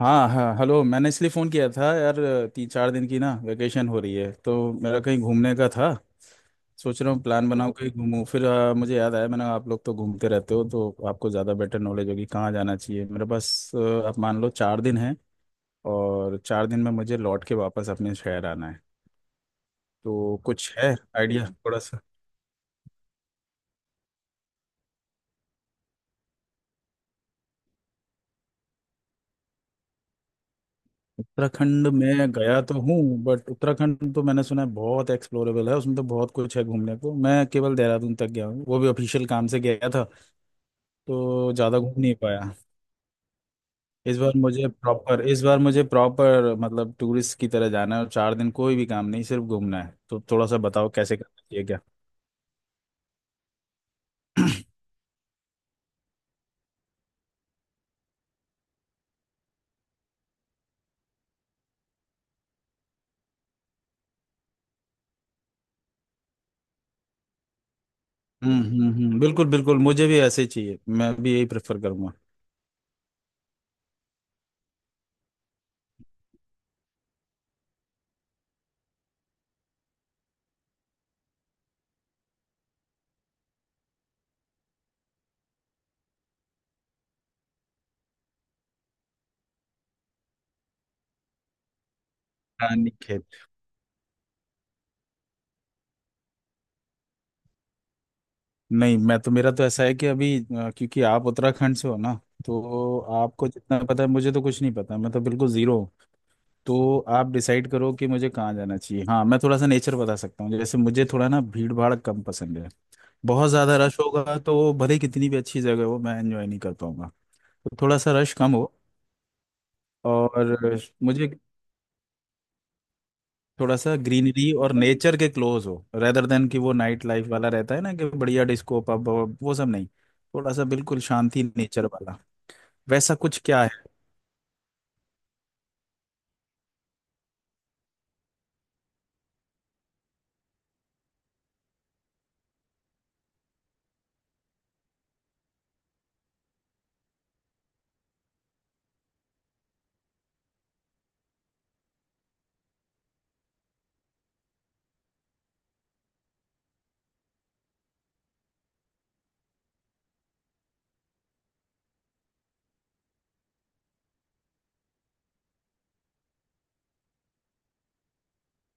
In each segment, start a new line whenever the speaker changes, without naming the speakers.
हाँ हाँ, हेलो। मैंने इसलिए फ़ोन किया था यार, तीन चार दिन की ना वेकेशन हो रही है तो मेरा कहीं घूमने का था। सोच रहा हूँ प्लान बनाऊँ, कहीं घूमूँ। फिर मुझे याद आया, मैंने आप लोग तो घूमते रहते हो तो आपको ज़्यादा बेटर नॉलेज होगी कहाँ जाना चाहिए। मेरे पास आप मान लो 4 दिन हैं, और 4 दिन में मुझे लौट के वापस अपने शहर आना है। तो कुछ है आइडिया थोड़ा सा? उत्तराखंड में गया तो हूँ, बट उत्तराखंड तो मैंने सुना है बहुत एक्सप्लोरेबल है, उसमें तो बहुत कुछ है घूमने को। मैं केवल देहरादून तक गया हूँ, वो भी ऑफिशियल काम से गया था, तो ज़्यादा घूम नहीं पाया। इस बार मुझे प्रॉपर मतलब टूरिस्ट की तरह जाना है, और चार दिन कोई भी काम नहीं, सिर्फ घूमना है। तो थोड़ा सा बताओ कैसे करना चाहिए क्या। हम्म, बिल्कुल बिल्कुल, मुझे भी ऐसे ही चाहिए, मैं भी यही प्रेफर करूंगा। रानी खेत? नहीं, मैं तो, मेरा तो ऐसा है कि अभी क्योंकि आप उत्तराखंड से हो ना, तो आपको जितना पता है, मुझे तो कुछ नहीं पता, मैं तो बिल्कुल जीरो। तो आप डिसाइड करो कि मुझे कहाँ जाना चाहिए। हाँ, मैं थोड़ा सा नेचर बता सकता हूँ, जैसे मुझे थोड़ा ना भीड़ भाड़ कम पसंद है। बहुत ज़्यादा रश होगा तो भले ही कितनी भी अच्छी जगह हो, मैं एंजॉय नहीं कर पाऊंगा। तो थोड़ा सा रश कम हो, और मुझे थोड़ा सा ग्रीनरी और नेचर के क्लोज हो, रेदर देन कि वो नाइट लाइफ वाला रहता है ना, कि बढ़िया डिस्को पब, वो सब नहीं। थोड़ा सा बिल्कुल शांति नेचर वाला, वैसा कुछ क्या है?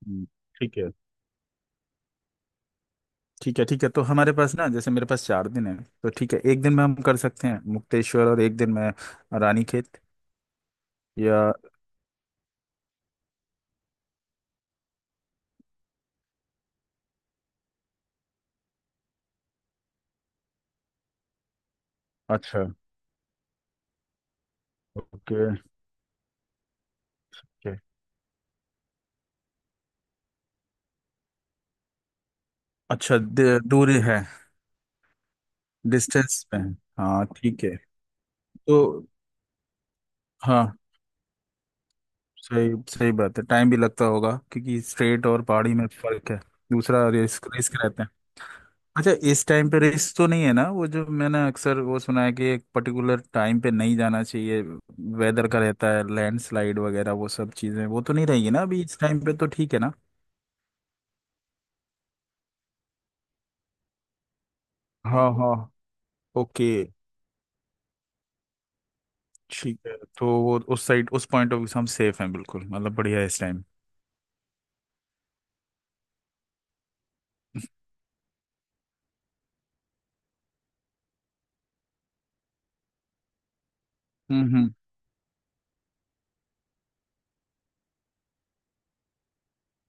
हम्म, ठीक है, ठीक है। ठीक है, तो हमारे पास ना, जैसे मेरे पास 4 दिन है, तो ठीक है, एक दिन में हम कर सकते हैं मुक्तेश्वर और एक दिन में रानीखेत, या? अच्छा। ओके। ओके। अच्छा, दूरी है, डिस्टेंस पे है? हाँ, ठीक है। तो हाँ, सही सही बात है, टाइम भी लगता होगा, क्योंकि स्ट्रेट और पहाड़ी में फर्क है। दूसरा रिस्क रिस्क रहता है। अच्छा, इस टाइम पे रिस्क तो नहीं है ना? वो जो मैंने अक्सर वो सुना है कि एक पर्टिकुलर टाइम पे नहीं जाना चाहिए, वेदर का रहता है, लैंडस्लाइड वगैरह वो सब चीजें, वो तो नहीं रहेगी ना अभी इस टाइम पे? तो ठीक है ना। हाँ हाँ। ओके, ठीक है, तो वो उस साइड, उस पॉइंट ऑफ व्यू से हम सेफ हैं बिल्कुल, मतलब बढ़िया है इस टाइम। हम्म।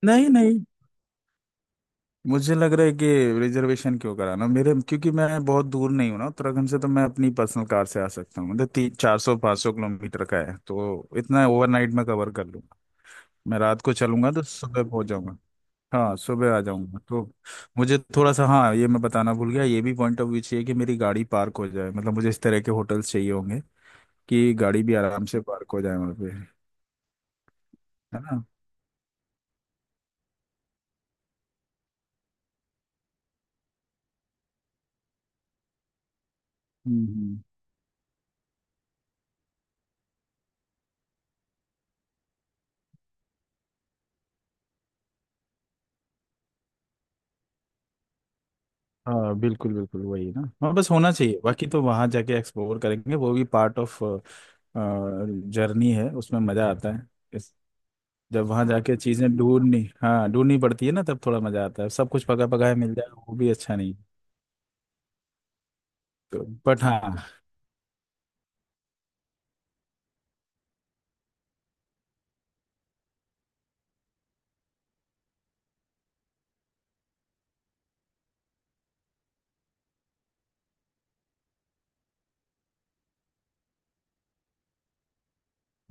नहीं नहीं, मुझे लग रहा है कि रिजर्वेशन क्यों कराना मेरे, क्योंकि मैं बहुत दूर नहीं हूँ ना उत्तराखंड से, तो मैं अपनी पर्सनल कार से आ सकता हूँ, मतलब तीन चार सौ पाँच सौ किलोमीटर का है, तो इतना ओवरनाइट में कवर कर लूँ। मैं रात को चलूंगा तो सुबह पहुंच जाऊंगा। हाँ, सुबह आ जाऊंगा तो। मुझे थोड़ा सा, हाँ, ये मैं बताना भूल गया, ये भी पॉइंट ऑफ व्यू चाहिए कि मेरी गाड़ी पार्क हो जाए, मतलब मुझे इस तरह के होटल्स चाहिए होंगे कि गाड़ी भी आराम से पार्क हो जाए वहाँ पे, है ना? हम्म हम्म। हाँ बिल्कुल बिल्कुल, वही ना, हाँ, बस होना चाहिए, बाकी तो वहाँ जाके एक्सप्लोर करेंगे, वो भी पार्ट ऑफ जर्नी है, उसमें मज़ा आता है। इस जब वहाँ जाके चीज़ें ढूंढनी, हाँ, ढूंढनी पड़ती है ना, तब थोड़ा मज़ा आता है। सब कुछ पका पकाया मिल जाए वो भी अच्छा नहीं। तो बट हाँ।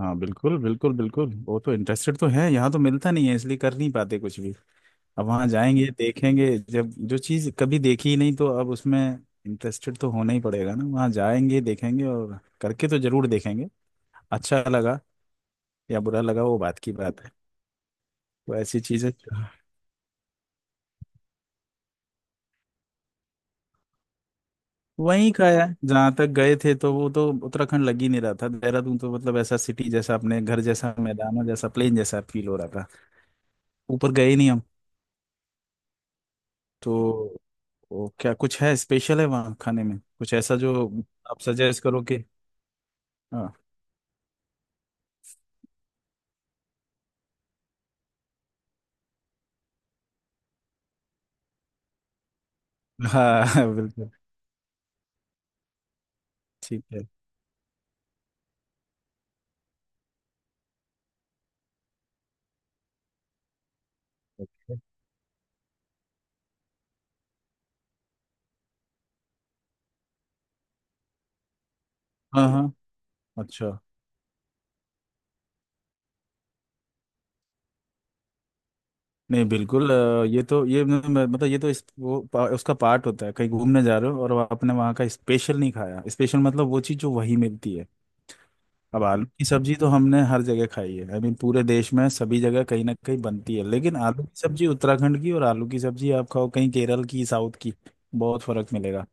हाँ बिल्कुल बिल्कुल बिल्कुल, वो तो इंटरेस्टेड तो है, यहाँ तो मिलता नहीं है, इसलिए कर नहीं पाते कुछ भी। अब वहाँ जाएंगे देखेंगे, जब जो चीज़ कभी देखी ही नहीं, तो अब उसमें इंटरेस्टेड तो होना ही पड़ेगा ना, वहाँ जाएंगे देखेंगे और करके तो जरूर देखेंगे। अच्छा लगा या बुरा लगा, वो बात की बात है। तो ऐसी चीज़ें। वहीं का है जहाँ तक गए थे, तो वो तो उत्तराखंड लग ही नहीं रहा था, देहरादून तो मतलब ऐसा सिटी जैसा, अपने घर जैसा, मैदानों जैसा, प्लेन जैसा फील हो रहा था। ऊपर गए ही नहीं हम। तो वो क्या कुछ है, स्पेशल है वहाँ खाने में कुछ ऐसा जो आप सजेस्ट करो कि? हाँ हाँ बिल्कुल, ठीक है। Okay. हाँ हाँ, अच्छा, नहीं बिल्कुल, ये तो, ये मतलब ये तो इस वो उसका पार्ट होता है कहीं घूमने जा रहे हो, और आपने वहाँ का स्पेशल नहीं खाया। स्पेशल मतलब वो चीज़ जो वहीं मिलती है। अब आलू की सब्जी तो हमने हर जगह खाई है, आई मीन पूरे देश में सभी जगह कहीं ना कहीं बनती है, लेकिन आलू की सब्जी उत्तराखंड की और आलू की सब्जी आप खाओ कहीं केरल की, साउथ की, बहुत फर्क मिलेगा।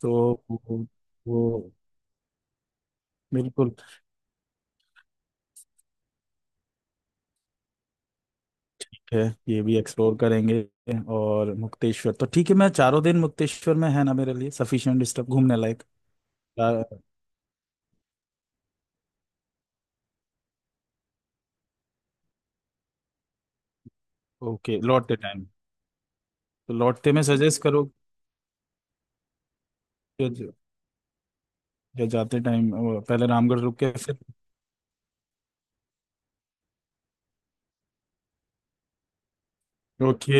तो वो बिल्कुल ठीक है। ये भी एक्सप्लोर करेंगे। और मुक्तेश्वर तो ठीक है, मैं चारों दिन मुक्तेश्वर में, है ना, मेरे लिए सफिशिएंट डिस्टर्ब घूमने लायक? ओके, लौटते टाइम। तो लौटते में सजेस्ट करो, जो, जो जो जाते टाइम पहले रामगढ़ रुक के फिर। ओके।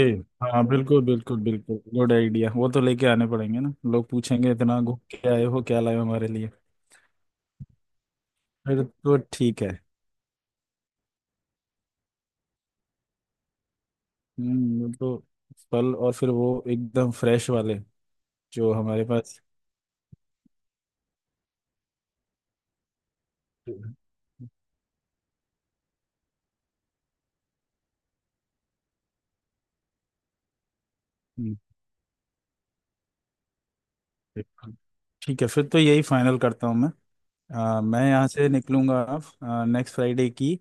हाँ बिल्कुल बिल्कुल बिल्कुल, गुड आइडिया। वो तो लेके आने पड़ेंगे ना, लोग पूछेंगे इतना घूम के आए हो, क्या लाए हो हमारे लिए। फिर तो ठीक है। वो तो, फल, और फिर वो एकदम फ्रेश वाले जो हमारे पास। हम्म, ठीक है, फिर तो यही फाइनल करता हूँ मैं। मैं यहाँ से निकलूंगा नेक्स्ट फ्राइडे की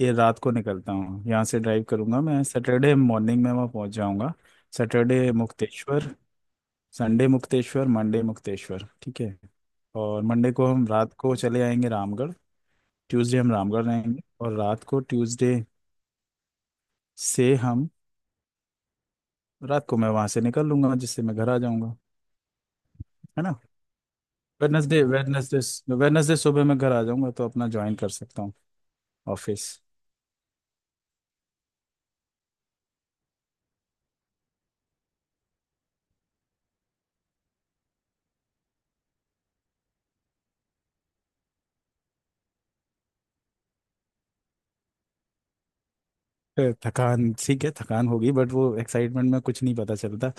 ये रात को, निकलता हूँ यहाँ से, ड्राइव करूंगा, मैं सैटरडे मॉर्निंग में वहाँ पहुँच जाऊँगा। Saturday Mukteshwar, Sunday Mukteshwar, Monday Mukteshwar, ठीक है। और मंडे को हम रात को चले आएंगे रामगढ़। ट्यूसडे हम रामगढ़ रहेंगे, और रात को ट्यूसडे से हम, रात को मैं वहाँ से निकल लूंगा जिससे मैं घर आ जाऊँगा, है ना? वेडनेसडे वेडनेसडे वेडनेसडे सुबह मैं घर आ जाऊंगा तो अपना ज्वाइन कर सकता हूँ ऑफिस। थकान ठीक है, थकान होगी, बट वो एक्साइटमेंट में कुछ नहीं पता चलता।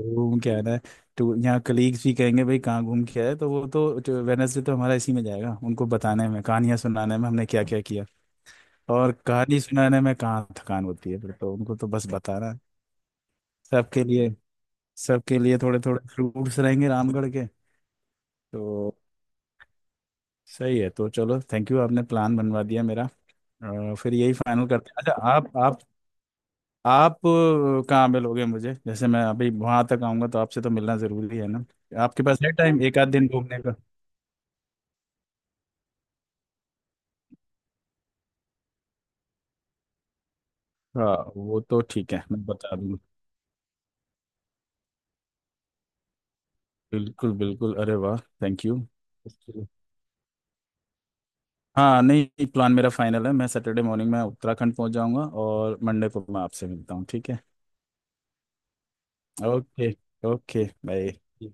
घूम के आना है, तो यहाँ कलीग्स भी कहेंगे भाई कहाँ घूम के आए, तो वो तो, वेडनेसडे तो हमारा इसी में जाएगा उनको बताने में, कहानियाँ सुनाने में हमने क्या क्या किया। और कहानी सुनाने में कहाँ थकान होती है, फिर तो उनको तो बस बताना है। सबके लिए, सबके लिए थोड़े थोड़े फ्रूट्स रहेंगे रामगढ़ के। तो सही है, तो चलो थैंक यू, आपने प्लान बनवा दिया मेरा। फिर यही फाइनल करते हैं। अच्छा, आप कहाँ मिलोगे मुझे, जैसे मैं अभी वहां तक आऊंगा तो आपसे तो मिलना जरूरी है ना? आपके पास है टाइम एक आध दिन घूमने का? हाँ वो तो ठीक है, मैं बता दूंगा। बिल्कुल बिल्कुल, अरे वाह, थैंक यू। उसके लिए- हाँ, नहीं, प्लान मेरा फाइनल है, मैं सैटरडे मॉर्निंग में उत्तराखंड पहुंच जाऊंगा, और मंडे को मैं आपसे मिलता हूँ, ठीक है? Okay, okay, bye.